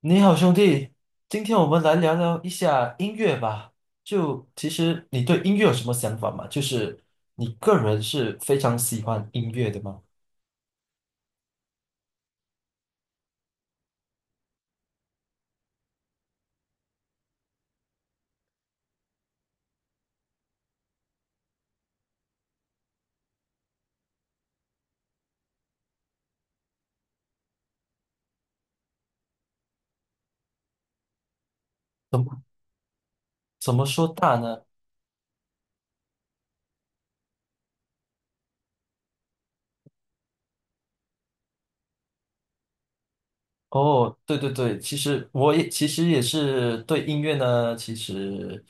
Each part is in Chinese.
你好，兄弟，今天我们来聊聊一下音乐吧。就其实你对音乐有什么想法吗？就是你个人是非常喜欢音乐的吗？怎么怎么说大呢？哦，对对对，其实我也其实也是对音乐呢，其实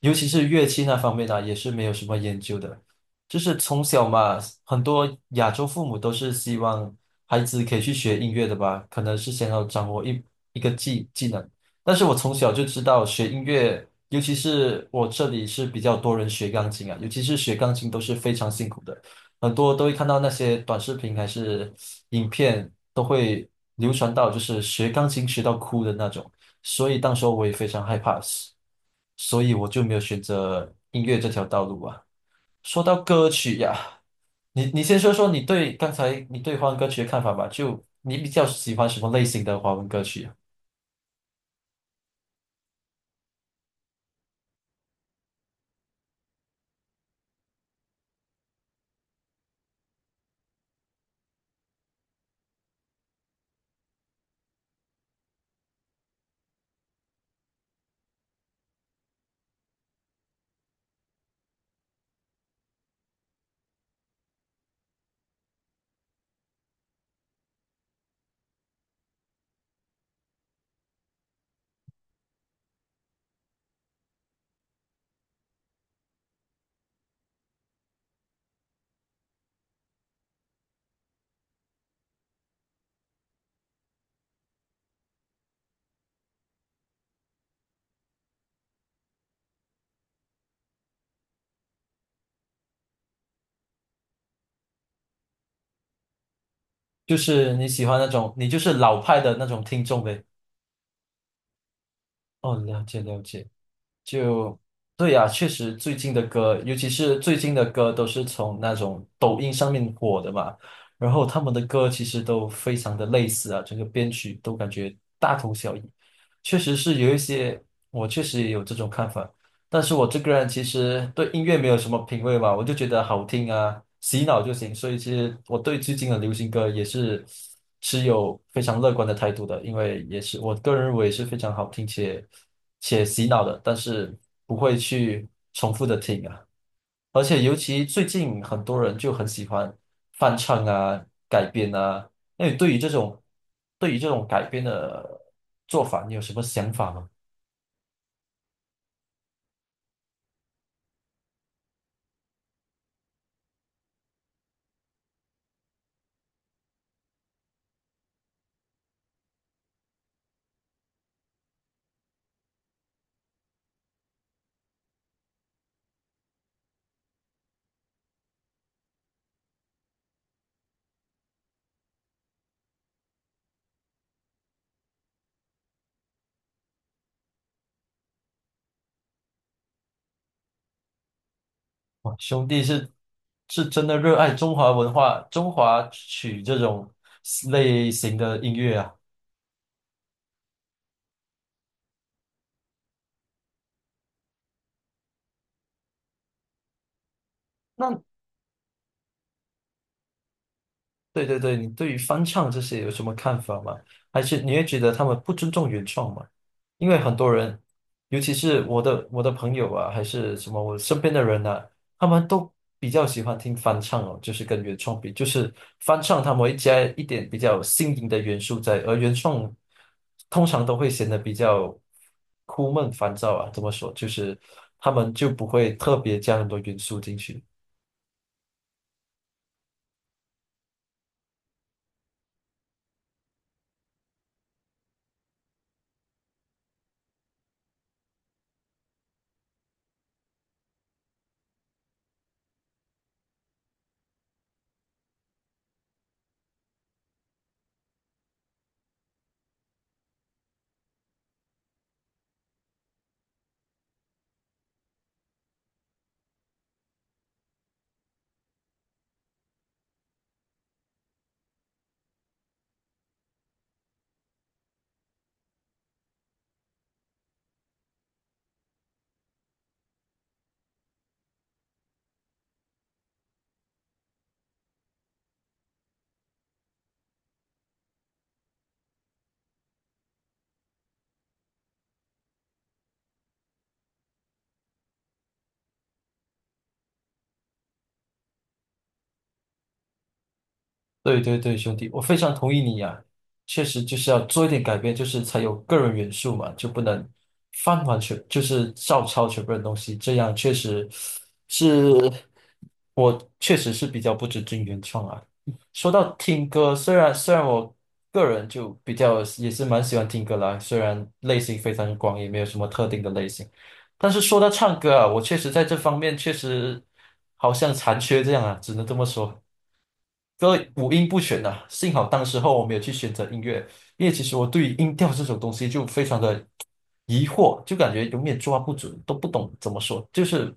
尤其是乐器那方面呢，也是没有什么研究的。就是从小嘛，很多亚洲父母都是希望孩子可以去学音乐的吧，可能是想要掌握一个技能。但是我从小就知道学音乐，尤其是我这里是比较多人学钢琴啊，尤其是学钢琴都是非常辛苦的。很多都会看到那些短视频还是影片，都会流传到就是学钢琴学到哭的那种，所以当时候我也非常害怕，所以我就没有选择音乐这条道路啊。说到歌曲呀，你先说说你对刚才你对华文歌曲的看法吧，就你比较喜欢什么类型的华文歌曲啊？就是你喜欢那种你就是老派的那种听众呗？哦，了解了解。就对呀、确实最近的歌，尤其是最近的歌，都是从那种抖音上面火的嘛。然后他们的歌其实都非常的类似啊，整个编曲都感觉大同小异。确实是有一些，我确实也有这种看法。但是我这个人其实对音乐没有什么品味嘛，我就觉得好听啊，洗脑就行。所以其实我对最近的流行歌也是持有非常乐观的态度的，因为也是我个人认为是非常好听且洗脑的，但是不会去重复的听啊。而且尤其最近很多人就很喜欢翻唱啊、改编啊。那你对于这种对于这种改编的做法，你有什么想法吗？哇，兄弟是真的热爱中华文化、中华曲这种类型的音乐啊。那对对对，你对于翻唱这些有什么看法吗？还是你会觉得他们不尊重原创吗？因为很多人，尤其是我的朋友啊，还是什么我身边的人啊，他们都比较喜欢听翻唱哦，就是跟原创比，就是翻唱他们会加一点比较新颖的元素在，而原创通常都会显得比较枯闷烦躁啊。怎么说？就是他们就不会特别加很多元素进去。对对对，兄弟，我非常同意你呀、确实就是要做一点改变，就是才有个人元素嘛，就不能翻完全就是照抄全部的东西，这样确实是我确实是比较不尊重原创啊。说到听歌，虽然我个人就比较也是蛮喜欢听歌啦，虽然类型非常广，也没有什么特定的类型，但是说到唱歌啊，我确实在这方面确实好像残缺这样啊，只能这么说。这五音不全呐、幸好当时候我没有去选择音乐，因为其实我对于音调这种东西就非常的疑惑，就感觉永远抓不准，都不懂怎么说。就是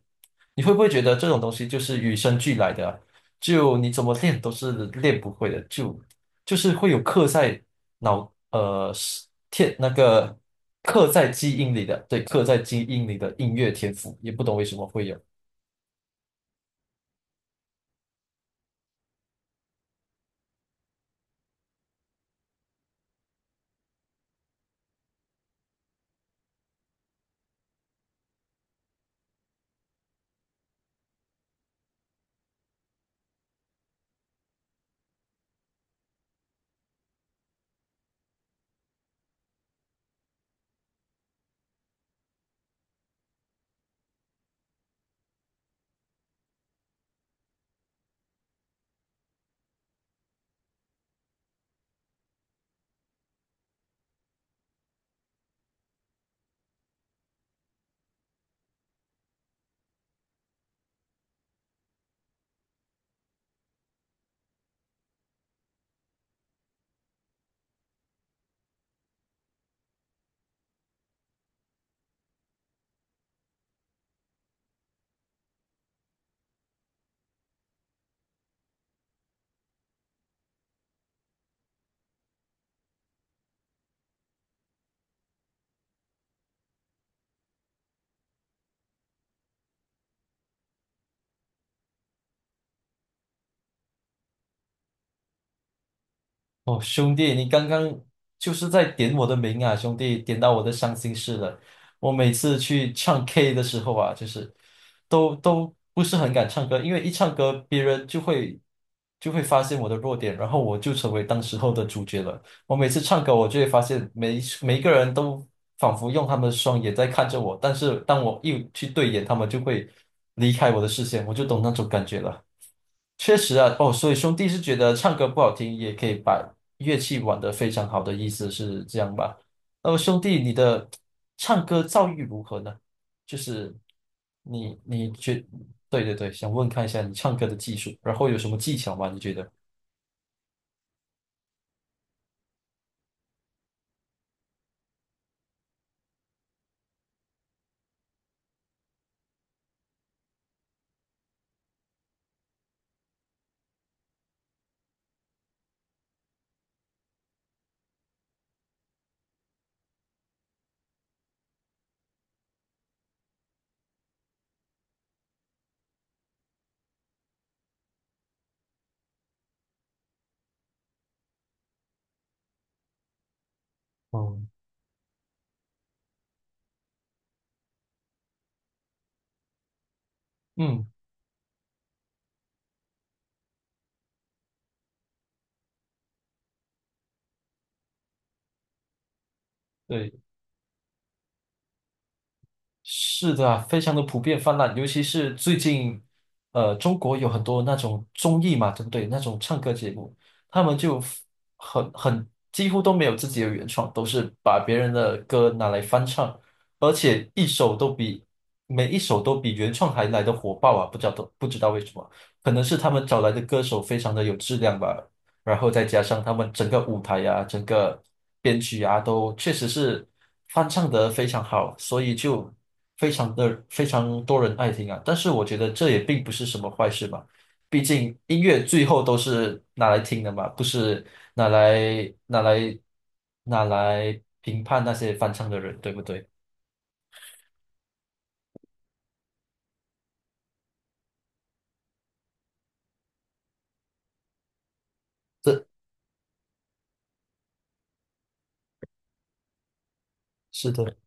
你会不会觉得这种东西就是与生俱来的啊就你怎么练都是练不会的，就是会有刻在脑呃是天那个刻在基因里的，对，刻在基因里的音乐天赋，也不懂为什么会有。哦，兄弟，你刚刚就是在点我的名啊，兄弟，点到我的伤心事了。我每次去唱 K 的时候啊，就是都不是很敢唱歌，因为一唱歌，别人就会发现我的弱点，然后我就成为当时候的主角了。我每次唱歌，我就会发现每一个人都仿佛用他们的双眼在看着我，但是当我一去对眼，他们就会离开我的视线，我就懂那种感觉了。确实啊，哦，所以兄弟是觉得唱歌不好听，也可以把乐器玩得非常好的意思是这样吧？那么兄弟，你的唱歌造诣如何呢？就是你你觉，对对对，想问看一下你唱歌的技术，然后有什么技巧吗？你觉得？嗯。嗯。对。是的啊，非常的普遍泛滥，尤其是最近，中国有很多那种综艺嘛，对不对？那种唱歌节目，他们就 很几乎都没有自己的原创，都是把别人的歌拿来翻唱，而且一首都比每一首都比原创还来的火爆啊！不知道为什么，可能是他们找来的歌手非常的有质量吧，然后再加上他们整个舞台呀，整个编曲啊，都确实是翻唱的非常好，所以就非常多人爱听啊。但是我觉得这也并不是什么坏事嘛，毕竟音乐最后都是拿来听的嘛，不是拿来拿来拿来评判那些翻唱的人，对不对？这是的。